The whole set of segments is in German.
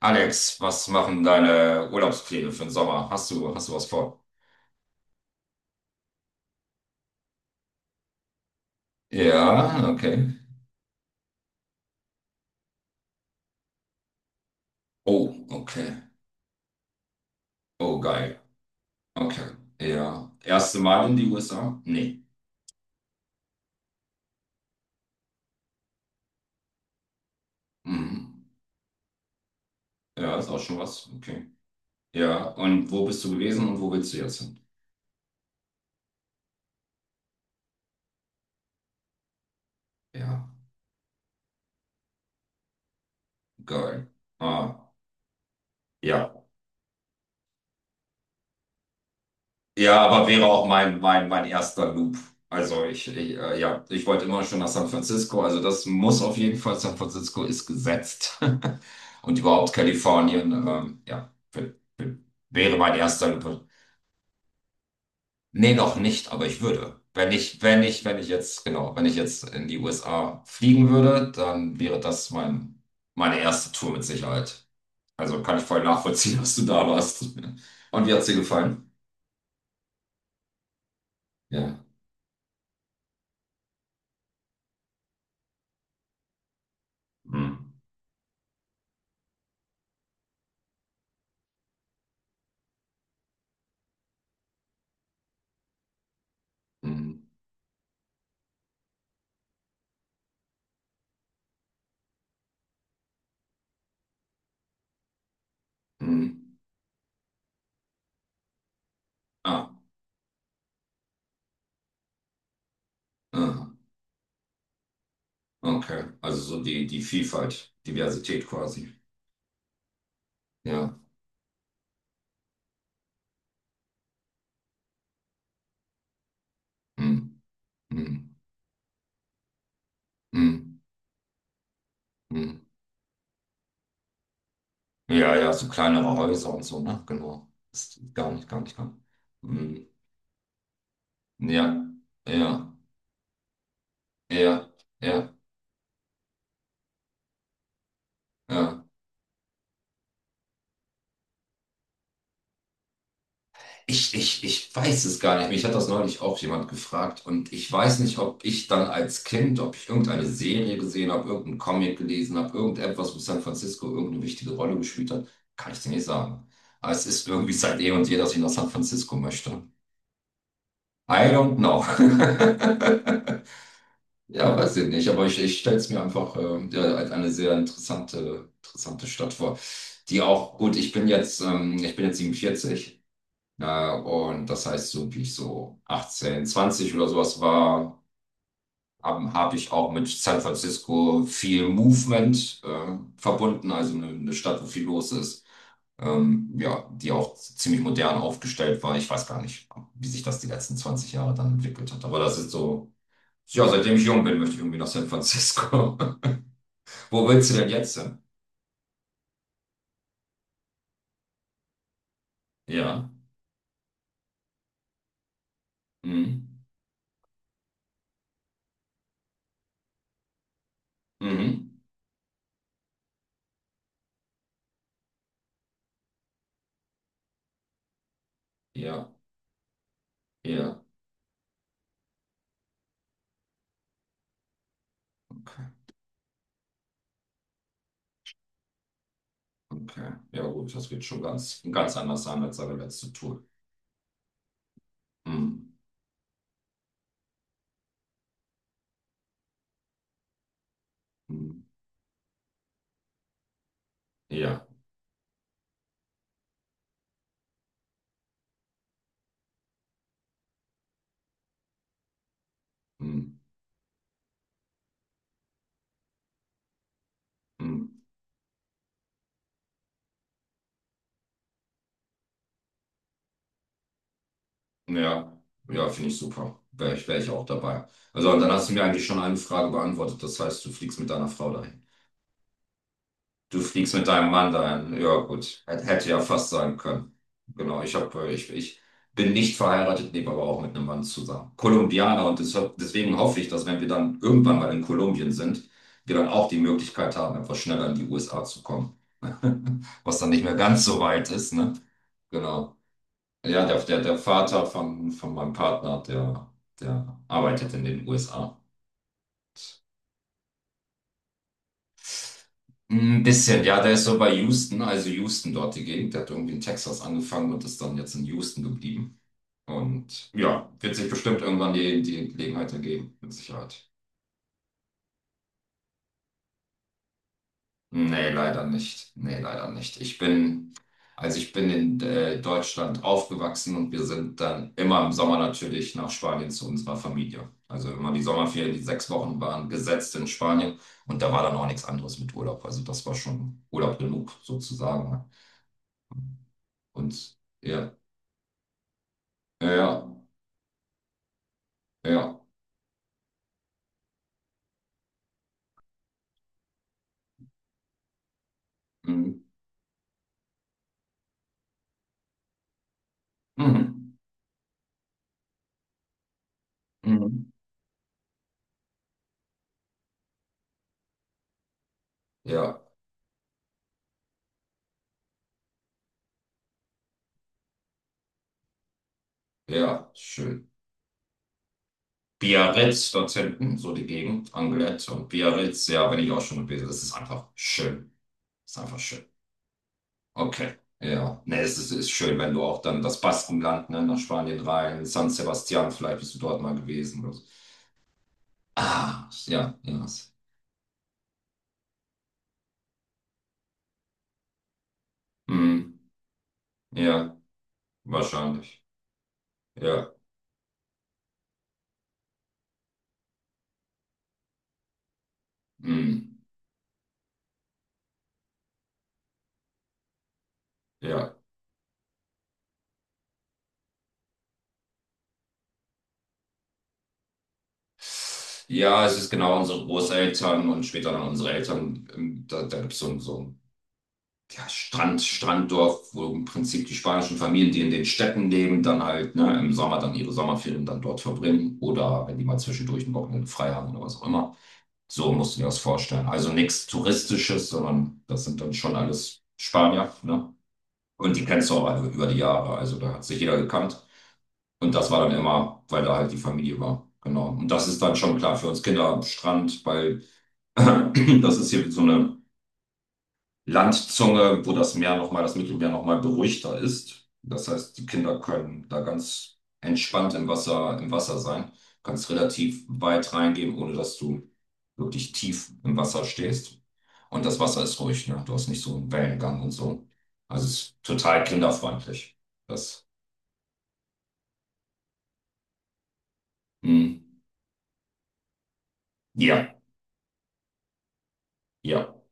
Alex, was machen deine Urlaubspläne für den Sommer? Hast du was vor? Ja, okay. Oh, okay. Oh, geil. Okay. Ja. Erste Mal in die USA? Nee. Mhm. Ja, ist auch schon was. Okay. Ja, und wo bist du gewesen und wo willst du jetzt hin? Ja, geil. Ah, ja. Ja, aber wäre auch mein erster Loop. Also ich ja, ich wollte immer schon nach San Francisco. Also das muss auf jeden Fall, San Francisco ist gesetzt. Und überhaupt Kalifornien, ja, w- wäre mein erster Loop. Nee, noch nicht, aber ich würde. Wenn ich jetzt, genau, wenn ich jetzt in die USA fliegen würde, dann wäre das meine erste Tour mit Sicherheit. Also kann ich voll nachvollziehen, dass du da warst. Und wie hat's dir gefallen? Ja. Hm. Hm. Hm. Ah, ah, okay. Also so die Vielfalt, Diversität quasi. Ja. Hm, hm, hm, hm. Ja, ja, so kleinere Häuser und so, ne? Genau. Ist gar nicht, gar nicht, gar nicht. Hm. Ja, ja, ja, ja, ja. Ich weiß es gar nicht. Mich hat das neulich auch jemand gefragt und ich weiß nicht, ob ich dann als Kind, ob ich irgendeine Serie gesehen habe, irgendeinen Comic gelesen habe, irgendetwas, wo San Francisco irgendeine wichtige Rolle gespielt hat, kann ich dir nicht sagen. Aber es ist irgendwie seit eh und je, dass ich nach San Francisco möchte. I don't know. Ja, weiß ich nicht, aber ich stelle es mir einfach ja, als eine sehr interessante, interessante Stadt vor, die auch, gut, ich bin jetzt 47. Und das heißt, so wie ich so 18, 20 oder sowas war, hab ich auch mit San Francisco viel Movement verbunden, also eine Stadt, wo viel los ist. Ja, die auch ziemlich modern aufgestellt war. Ich weiß gar nicht, wie sich das die letzten 20 Jahre dann entwickelt hat. Aber das ist so, ja, seitdem ich jung bin, möchte ich irgendwie nach San Francisco. Wo willst du denn jetzt hin? Ja. Mhm. Mhm. Ja, ja. Okay. Okay. Ja, gut, das wird schon ganz, ganz anders sein als seine letzte Tour. Hm. Hm. Ja. Hm. Hm. Ja. Ja, finde ich super. Wär ich auch dabei. Also, und dann hast du mir eigentlich schon eine Frage beantwortet. Das heißt, du fliegst mit deiner Frau dahin. Du fliegst mit deinem Mann dahin. Ja, gut. Hätte ja fast sein können. Genau, ich bin nicht verheiratet, lebe aber auch mit einem Mann zusammen. Kolumbianer und deswegen hoffe ich, dass wenn wir dann irgendwann mal in Kolumbien sind, wir dann auch die Möglichkeit haben, etwas schneller in die USA zu kommen. Was dann nicht mehr ganz so weit ist, ne? Genau. Ja, der Vater von meinem Partner, der arbeitet in den USA. Ein bisschen, ja, der ist so bei Houston, also Houston dort die Gegend. Der hat irgendwie in Texas angefangen und ist dann jetzt in Houston geblieben. Und ja, wird sich bestimmt irgendwann die Gelegenheit ergeben, mit Sicherheit. Nee, leider nicht. Nee, leider nicht. Also ich bin in Deutschland aufgewachsen und wir sind dann immer im Sommer natürlich nach Spanien zu unserer Familie. Also immer die Sommerferien, die 6 Wochen waren, gesetzt in Spanien. Und da war dann auch nichts anderes mit Urlaub. Also das war schon Urlaub genug, sozusagen, ne? Und ja, ja, ja. Ja. Mhm. Mhm. Mhm. Ja, ja, schön. Biarritz dort hinten, so die Gegend, Anglet und Biarritz, ja, bin ich auch schon gewesen. Das ist einfach schön. Das ist einfach schön. Okay. Ja, ne, es ist schön, wenn du auch dann das Baskenland, ne, nach Spanien rein, San Sebastian, vielleicht bist du dort mal gewesen oder so. Ah, ja, ja. Mhm. Ja, wahrscheinlich. Ja, mhm. Ja. Ja, es ist genau unsere Großeltern und später dann unsere Eltern. Da gibt es so ein ja, Strand, Stranddorf, wo im Prinzip die spanischen Familien, die in den Städten leben, dann halt ne, im Sommer dann ihre Sommerferien dann dort verbringen oder wenn die mal zwischendurch ein Wochenende frei haben oder was auch immer. So musst du dir das vorstellen. Also nichts Touristisches, sondern das sind dann schon alles Spanier. Ne? Und die kennst du auch einfach über die Jahre. Also da hat sich jeder gekannt. Und das war dann immer, weil da halt die Familie war. Genau. Und das ist dann schon klar für uns Kinder am Strand, weil das ist hier so eine Landzunge, wo das Meer nochmal, das Mittelmeer nochmal beruhigter ist. Das heißt, die Kinder können da ganz entspannt im Wasser sein. Kannst relativ weit reingehen, ohne dass du wirklich tief im Wasser stehst. Und das Wasser ist ruhig, ne? Du hast nicht so einen Wellengang und so. Also es ist total kinderfreundlich. Das, hm, ja, ja.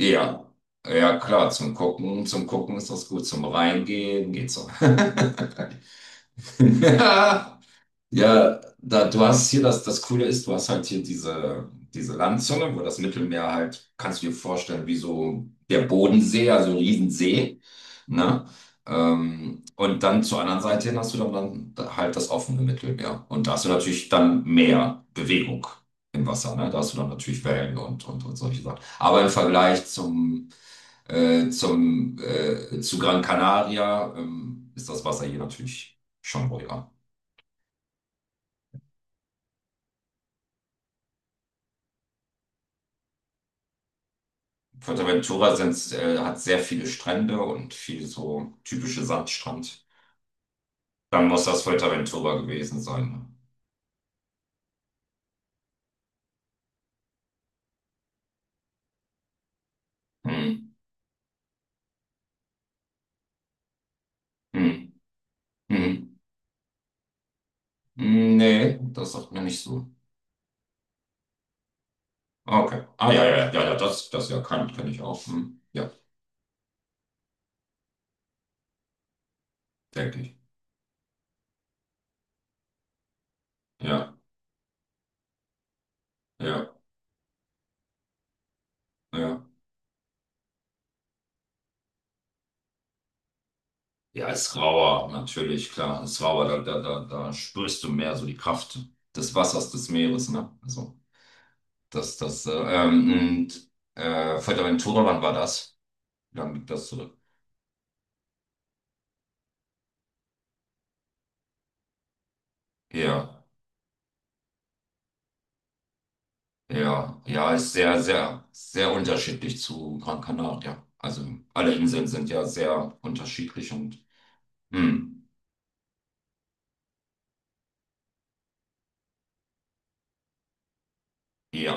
Ja, ja klar, zum Gucken ist das gut, zum Reingehen geht's so. Ja, du hast hier das, das, Coole ist, du hast halt hier diese Landzunge, wo das Mittelmeer halt, kannst du dir vorstellen, wie so der Bodensee, also ein Riesensee, ne? Und dann zur anderen Seite hin hast du dann halt das offene Mittelmeer. Und da hast du natürlich dann mehr Bewegung im Wasser, ne? Da hast du dann natürlich Wellen und solche Sachen. Aber im Vergleich zu Gran Canaria, ist das Wasser hier natürlich schon ruhiger. Fuerteventura hat sehr viele Strände und viel so typische Sandstrand. Dann muss das Fuerteventura gewesen sein. Hm, hm, hm. Hm, nee, das sagt mir nicht so. Ah, okay. Ah, ja, ja, ja, ja, das ja kann ich auch. Hm. Ja, denke ich. Ja, ja, ja. Ja, ist rauer, natürlich, klar. Ist rauer, da spürst du mehr so die Kraft des Wassers, des Meeres, ne? Also, das, das, äh, ähm, und, Fuerteventura, wann war das? Wie lange liegt das zurück? Ja, ja, ja, ist sehr, sehr, sehr unterschiedlich zu Gran Canaria. Also alle Inseln sind ja sehr unterschiedlich und hm, ja.